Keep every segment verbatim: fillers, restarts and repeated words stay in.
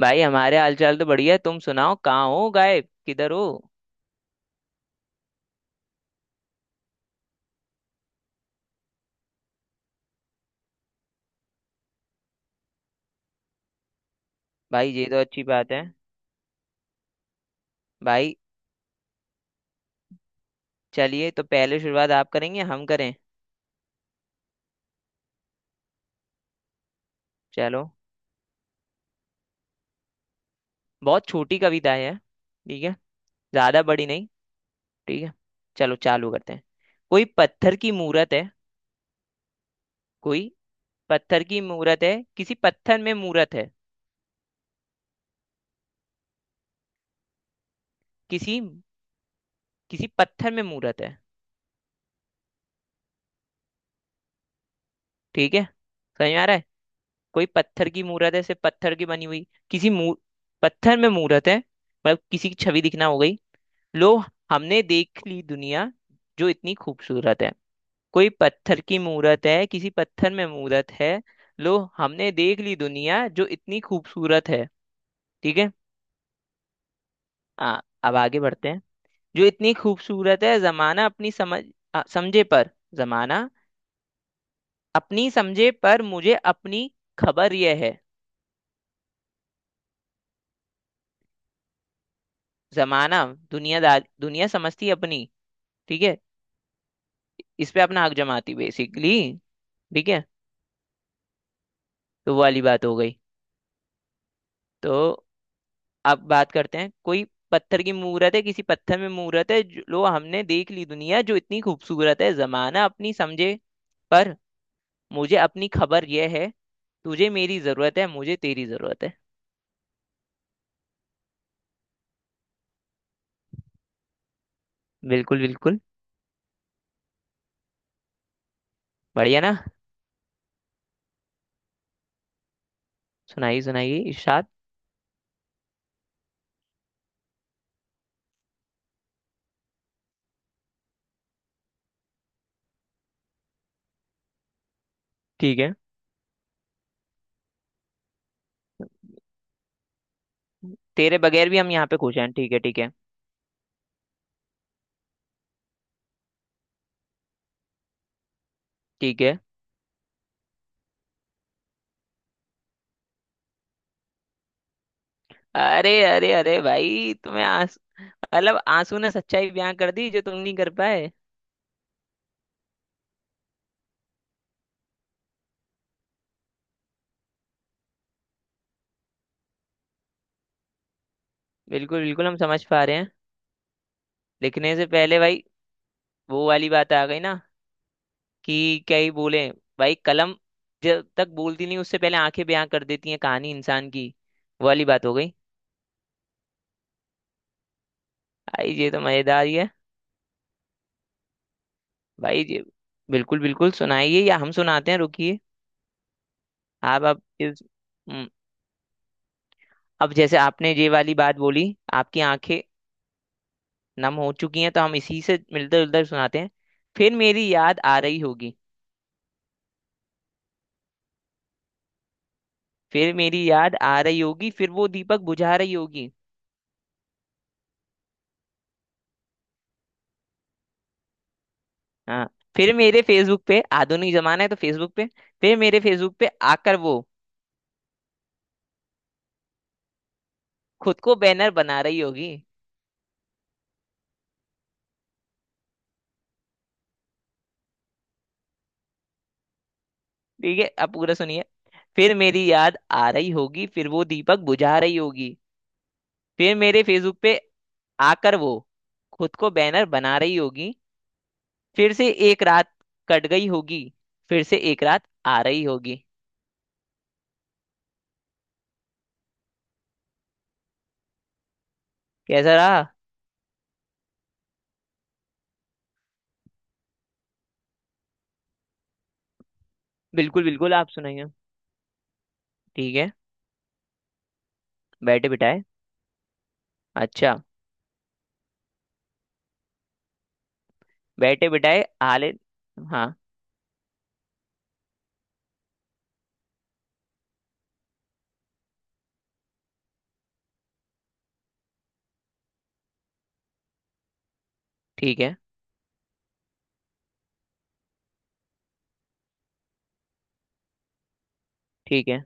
भाई हमारे हालचाल तो बढ़िया है। तुम सुनाओ कहाँ हो, गायब किधर हो। भाई ये तो अच्छी बात है। भाई चलिए, तो पहले शुरुआत आप करेंगे हम करें। चलो, बहुत छोटी कविता है। ठीक है, ज्यादा बड़ी नहीं। ठीक है, चलो चालू करते हैं। कोई पत्थर की मूरत है। कोई पत्थर की मूरत है, किसी पत्थर में मूरत है। किसी किसी पत्थर में मूरत है। ठीक है, समझ में आ रहा है। कोई पत्थर की मूरत है, सिर्फ पत्थर की बनी हुई किसी मूर पत्थर में मूरत है मतलब किसी की छवि दिखना हो गई। लो, हमने देख ली दुनिया जो इतनी खूबसूरत है। कोई पत्थर की मूरत है, किसी पत्थर में मूरत है। लो, हमने देख ली दुनिया जो इतनी खूबसूरत है। ठीक है। आ, अब आगे बढ़ते हैं। जो इतनी खूबसूरत है, जमाना अपनी समझ, आ, समझे पर, जमाना अपनी समझे पर मुझे अपनी खबर यह है। जमाना दुनियादार, दुनिया समझती है अपनी। ठीक है, इस पे अपना हक जमाती बेसिकली। ठीक है, तो वो वाली बात हो गई। तो अब बात करते हैं। कोई पत्थर की मूरत है, किसी पत्थर में मूरत है, जो हमने देख ली दुनिया जो इतनी खूबसूरत है। जमाना अपनी समझे पर मुझे अपनी खबर यह है। तुझे मेरी जरूरत है, मुझे तेरी जरूरत है। बिल्कुल बिल्कुल। बढ़िया ना। सुनाइए सुनाइए, इरशाद। ठीक है। तेरे बगैर भी हम यहाँ पे खुश हैं। ठीक है, ठीक है। ठीक है। अरे अरे अरे भाई, तुम्हें आंस, मतलब आंसू ने सच्चाई बयां कर दी जो तुम नहीं कर पाए। बिल्कुल बिल्कुल, हम समझ पा रहे हैं। लिखने से पहले भाई, वो वाली बात आ गई ना कि क्या ही बोले। भाई कलम जब तक बोलती नहीं, उससे पहले आंखें बयां कर देती हैं कहानी इंसान की। वो वाली बात हो गई। भाई ये तो मजेदार ही है। भाई ये, बिल्कुल बिल्कुल सुनाइए, या हम सुनाते हैं, रुकिए। आप आप इस, हम्म, अब जैसे आपने ये वाली बात बोली, आपकी आंखें नम हो चुकी हैं, तो हम इसी से मिलते जुलते सुनाते हैं। फिर मेरी याद आ रही होगी। फिर मेरी याद आ रही होगी, फिर वो दीपक बुझा रही होगी। हाँ, फिर मेरे फेसबुक पे, आधुनिक जमाना है तो फेसबुक पे, फिर मेरे फेसबुक पे आकर वो खुद को बैनर बना रही होगी। ठीक है, अब पूरा सुनिए। फिर मेरी याद आ रही होगी, फिर वो दीपक बुझा रही होगी, फिर मेरे फेसबुक पे आकर वो खुद को बैनर बना रही होगी। फिर से एक रात कट गई होगी, फिर से एक रात आ रही होगी। कैसा रहा। बिल्कुल बिल्कुल, आप सुनाइए। ठीक है। बैठे बिठाए, अच्छा। बैठे बिठाए हाले, हाँ। ठीक है, ठीक है।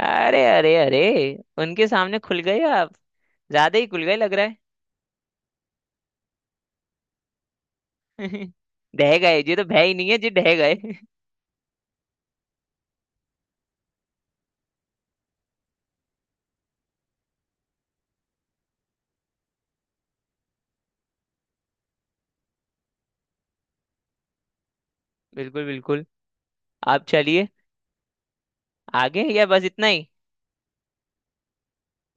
अरे अरे अरे, उनके सामने खुल गए आप, ज्यादा ही खुल गए लग रहा है। ढह गए ये तो भय ही नहीं है जी, ढह गए। बिल्कुल बिल्कुल, आप चलिए आगे या बस इतना ही।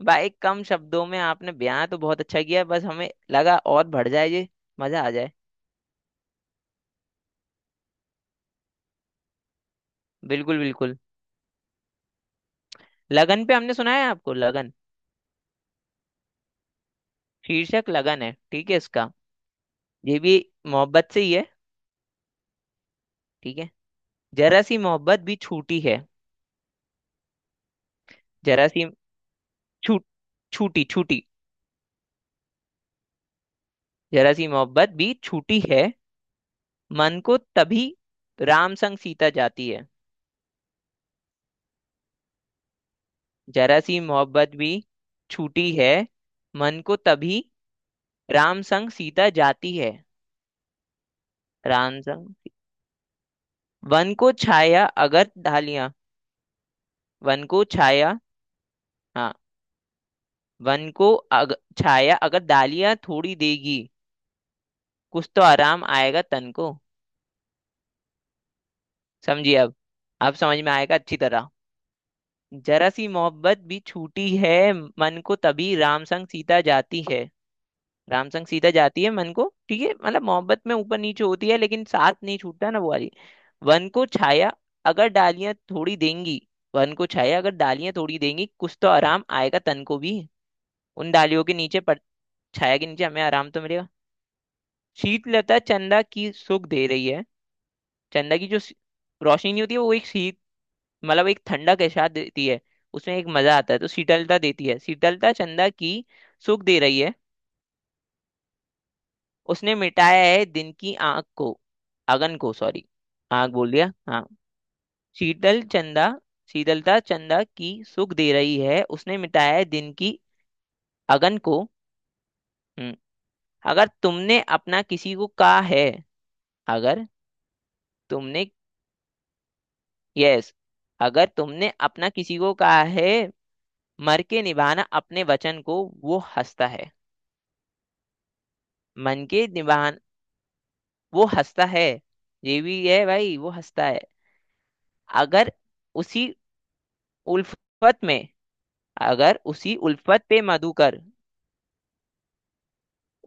भाई कम शब्दों में आपने बयां तो बहुत अच्छा किया, बस हमें लगा और बढ़ जाए ये, मजा आ जाए। बिल्कुल बिल्कुल। लगन पे हमने सुना है आपको, लगन शीर्षक लगन है ठीक है इसका। ये भी मोहब्बत से ही है। ठीक है, जरा सी मोहब्बत भी छूटी है। जरा सी, छूट, छूटी छूटी। जरा सी मोहब्बत भी छूटी है, मन को तभी राम संग सीता जाती है। जरा सी मोहब्बत भी छूटी है, मन को तभी राम संग सीता जाती है। राम संग, वन को छाया अगर डालियां। वन को छाया, हाँ, वन को अग, छाया अगर डालियां थोड़ी देगी, कुछ तो आराम आएगा तन को। समझिए अब अब समझ में आएगा अच्छी तरह। जरा सी मोहब्बत भी छूटी है, मन को तभी राम संग सीता जाती है। रामसंग सीता जाती है मन को, ठीक है, मतलब मोहब्बत में ऊपर नीचे होती है लेकिन साथ नहीं छूटता ना, वो वाली। वन को छाया अगर डालियां थोड़ी देंगी। वन को छाया अगर डालियां थोड़ी देंगी, कुछ तो आराम आएगा तन को भी। उन डालियों के नीचे पर, छाया के नीचे हमें आराम तो मिलेगा। शीतलता चंदा की सुख दे रही है। चंदा की जो सी- रोशनी होती है, वो एक शीत, मतलब एक ठंडक एहसास देती है, उसमें एक मजा आता है, तो शीतलता देती है। शीतलता चंदा की सुख दे रही है। उसने मिटाया है दिन की आग को, अगन को सॉरी, आग बोल दिया हाँ। शीतल चंदा, शीतलता चंदा की सुख दे रही है, उसने मिटाया है दिन की अगन को। हम्म, अगर तुमने अपना किसी को कहा है। अगर तुमने, यस, अगर तुमने अपना किसी को कहा है, मर के निभाना अपने वचन को, वो हंसता है। मन के निभान, वो हंसता है, ये भी है भाई, वो हंसता है। अगर उसी उल्फत में, अगर उसी उल्फत पे मधुकर,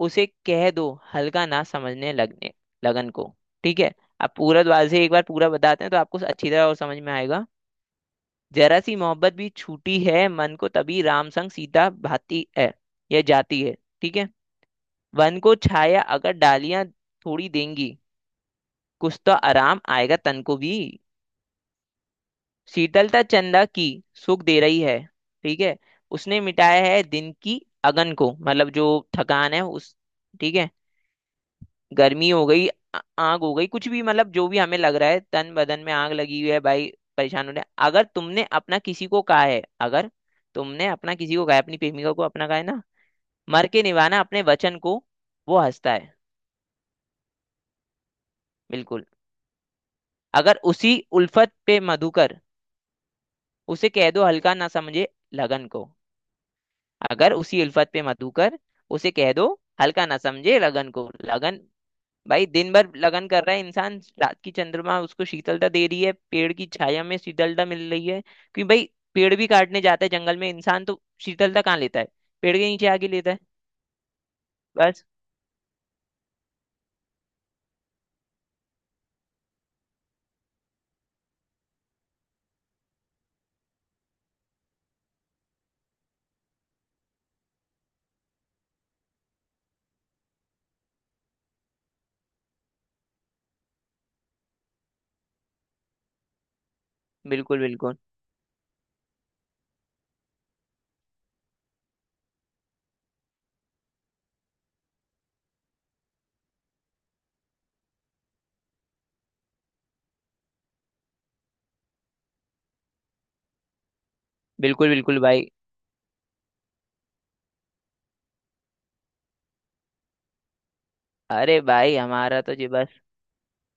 उसे कह दो हल्का ना समझने लगने, लगन को। ठीक है, अब पूरा द्वार से एक बार पूरा बताते हैं तो आपको अच्छी तरह और समझ में आएगा। जरा सी मोहब्बत भी छूटी है, मन को तभी राम संग सीता भाती है, यह जाती है। ठीक है। वन को छाया अगर डालियां थोड़ी देंगी, कुछ तो आराम आएगा तन को भी। शीतलता चंदा की सुख दे रही है। ठीक है। उसने मिटाया है दिन की अगन को, मतलब जो थकान है उस, ठीक है, गर्मी हो गई, आ- आग हो गई, कुछ भी मतलब जो भी हमें लग रहा है तन बदन में आग लगी हुई है भाई, परेशान हो रहे हैं। अगर तुमने अपना किसी को कहा है, अगर तुमने अपना किसी को कहा है, अपनी प्रेमिका को अपना कहा है ना, मर के निभाना अपने वचन को, वो हंसता है। बिल्कुल। अगर उसी उल्फत पे मधुकर, उसे कह दो हल्का ना समझे लगन को। अगर उसी उल्फत पे मधुकर, उसे कह दो हल्का ना समझे लगन को, लगन। भाई दिन भर लगन कर रहा है इंसान, रात की चंद्रमा उसको शीतलता दे रही है, पेड़ की छाया में शीतलता मिल रही है, क्योंकि भाई पेड़ भी काटने जाता है जंगल में इंसान, तो शीतलता कहाँ लेता है, पेड़ के नीचे आके लेता है, बस। बिल्कुल बिल्कुल। बिल्कुल बिल्कुल भाई। अरे भाई हमारा तो जी बस।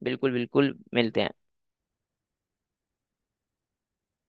बिल्कुल बिल्कुल, मिलते हैं।